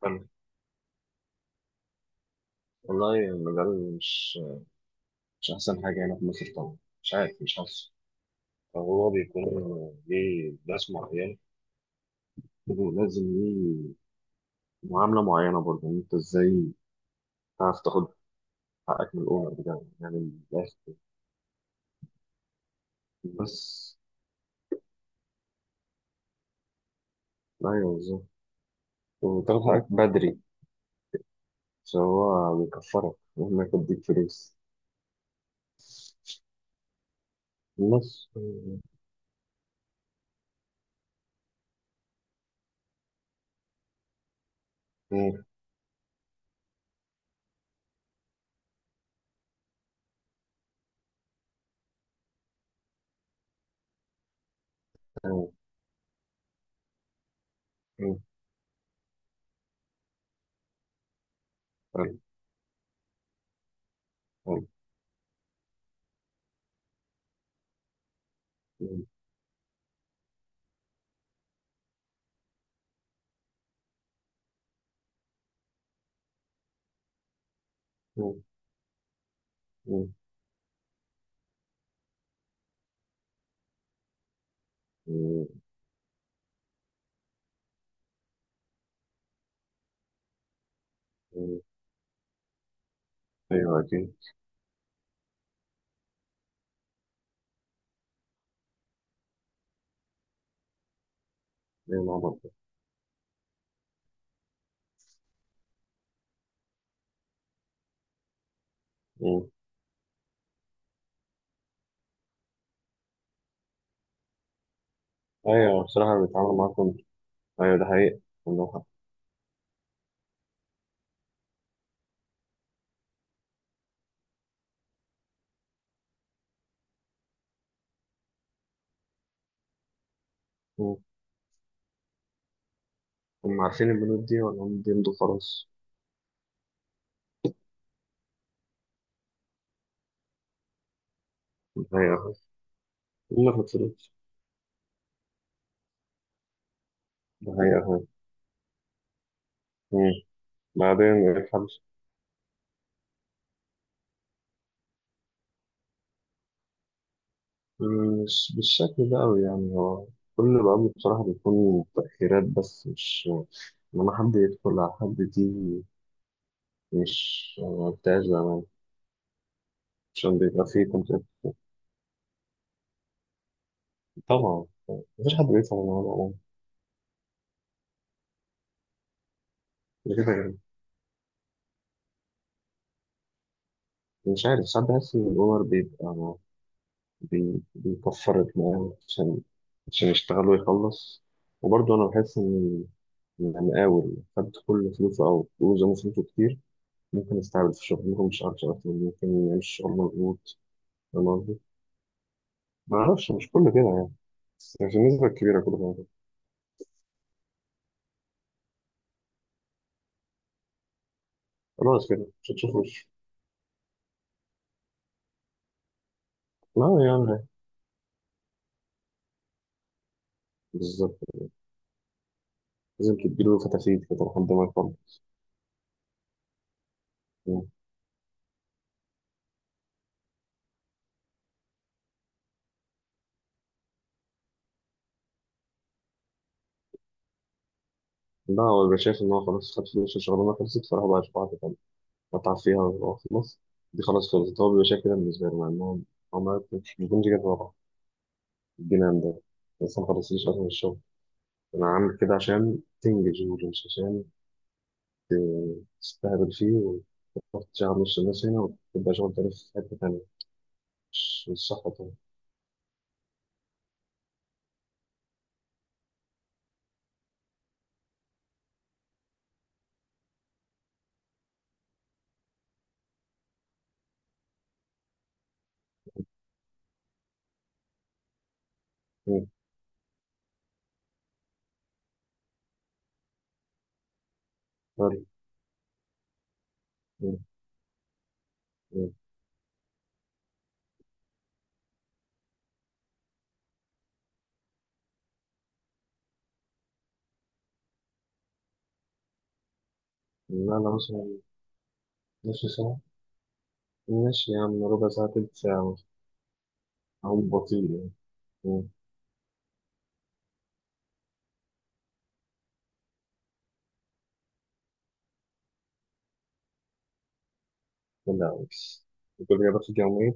حلو. والله المجال مش أحسن حاجة هنا في مصر طبعا، مش عارف، مش حاسس، فهو بيكون ليه ناس معينة لازم ليه معاملة معينة برضه، إن أنت إزاي تعرف تاخد حقك من الأونر بتاعه، يعني من الآخر بس. أيوه بالظبط، وتاخد حقك بدري، فهو بيكفرك مهما يديك فلوس بس. مم. مم. مم. حلو. حلو. مم. مم. مم. مم. أيوه أكيد. أيوه مع بعض. ايوه، بصراحه بيتعاملوا معاكم. ايوه ده حقيقي، عندهم حق. مم. هم عارفين البنود دي ولا هم بيمضوا خلاص؟ ده حقيقة. هم في الفلوس. ده حقيقة. مم. بعدين إيه الحبس؟ مم، مش بالشكل ده أوي، يعني هو كل الأمر بصراحة بيكون تأخيرات، بس مش لما حد يدخل على حد، دي مش ما بتاعش زمان، عشان بيبقى فيه كونتاكت. طبعا. مفيش حد بيدفع من العمر عموما. ده كده كده. مش عارف، ساعات بحس إن الأونر بيبقى بيكفر دماغه عشان يشتغل ويخلص. وبرضه أنا بحس إن أنا قاول خدت كل فلوسه أو فلوسه من فلوسه كتير، ممكن أستعبد في الشغل، ممكن مش أعرف أشتغل، ممكن أعيش شغل مضغوط. فاهم قصدي؟ معرفش، مش كله كده يعني، بس في النسبة الكبيرة كله كده. خلاص كده مش هتشوفوش. لا يعني بالظبط، لازم تديله فتافيت كده لحد ما يخلص. لا، هو بيبقى شايف إن هو خلاص خد فلوس، الشغلانة خلصت، فراح بقى يشوف واحدة تانية، قطع فيها وخلص. دي خلاص خلصت، هو بيبقى شايف كده بالنسبة له، مع إنهم عملت مش بيكونش كده طبعا. الجنان ده، لسه ما خلصتش أصلا الشغل. أنا عامل كده عشان تنجز شغل، مش عشان تستهبل فيه وتروح تشغل نص الناس هنا وتبقى شغل تاني في حتة تانية. مش صح طبعا. مم. طيب. مم. مم. لا لا مثلا. نص ساعة. ماشي يا عم، ربع ساعة، تلت ساعة. أقوم بطيء يعني. مم. لا بس كل جابت في الجامعية.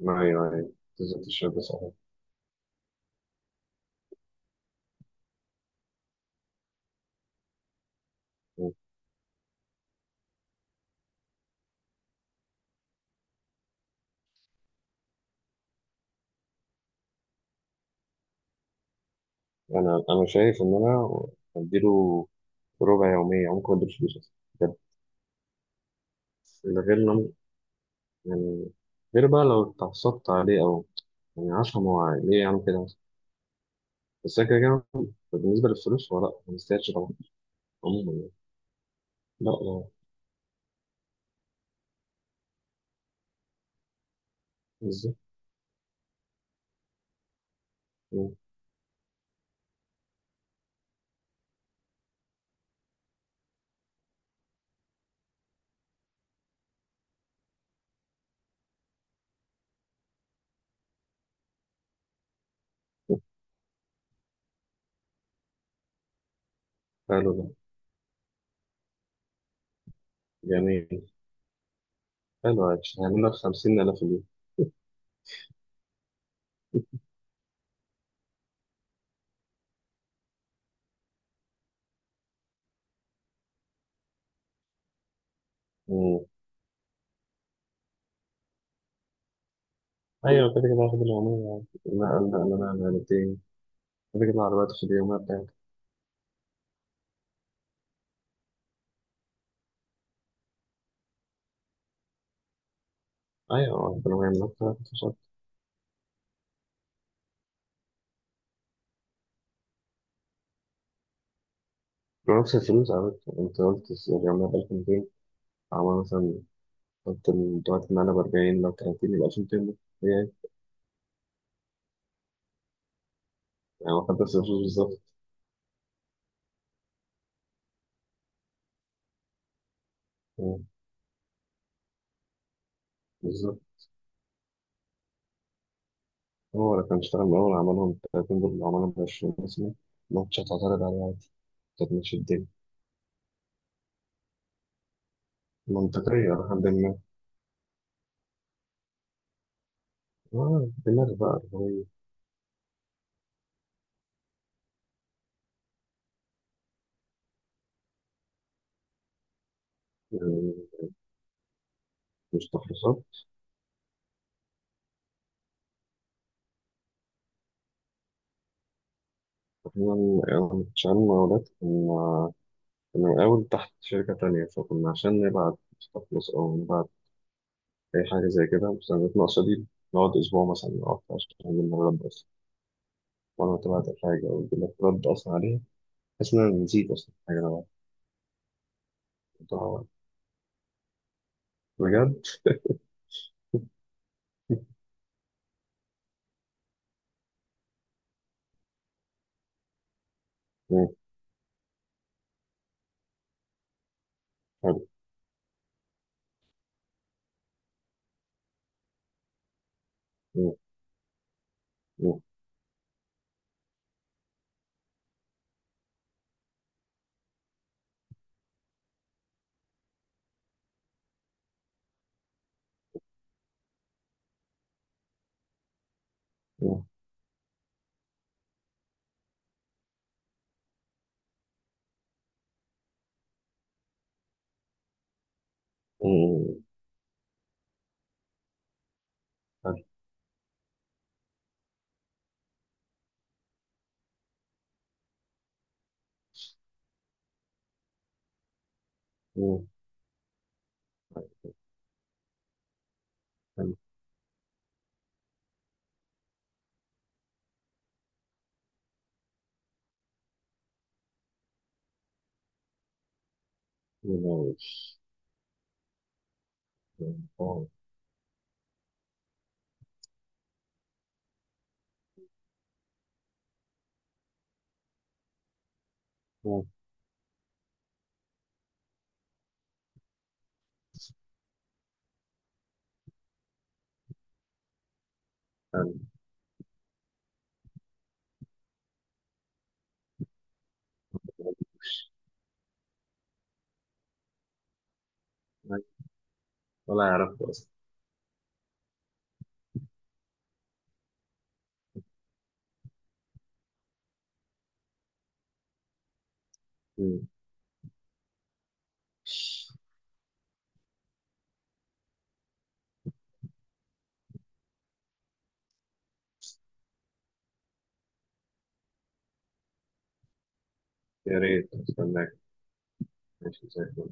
معايا. تنزل تشرب بس. انا شايف ان انا اديله ربع يوميه، ممكن ما اديلوش فلوس اصلا بجد. من غير نم... يعني، غير بقى لو اتعصبت عليه او يعني، عشان هو عادي. ليه يعمل كده مثلا؟ بس أنا كده كده بالنسبه للفلوس هو لا ما يستاهلش طبعا عموما يعني. لا لا بالظبط. مم. حلو ده. جميل. حلو عادي، هيعمل لك 50,000 في اليوم. مم. ايوه كده كده هاخد اليوميه عادي. لا لا لا لا لا لا، تاني. كده كده العربية في اليوميه بتاعتي. ايوه ربنا ما يعمل لك. نفس الفلوس، عملت انت قلت يعني عملنا ب 1200. عملنا مثلا، قلت دلوقتي معانا ب 40، لو 30 يبقى 1200 ده هي. يعني هو خد نفس الفلوس بالظبط. اه، بالظبط. هو اللي كان اشتغل من الأول عملهم 30، دول عملهم ب 20 مثلا، ماتش هتعترض عليه عادي، كانت ماشية الدنيا منطقية لحد ما. اه دماغ بقى اللي هو. يعني مش تخلصات. احنا يعني شغالين مقاولات، كنا من الأول تحت شركة تانية، فكنا عشان نبعت تخلص أو نبعت أي حاجة زي كده، بس أنا ناقصة دي نقعد أسبوع مثلا أو أكتر عشان نعمل نرد أصلا. وأنا تابعت الحاجة أو يجيب لك رد أصلا عليها بحيث إن أنا نسيت أصلا الحاجة اللي أنا بعملها. بجد. مم. حلو. مم. مم. مم. مم. حلو. مم. حلو. حلو. مم. آه. مم. حلو. ولا يعرفه أصلا. مم. يا ريت أستناك. ماشي زي الفل.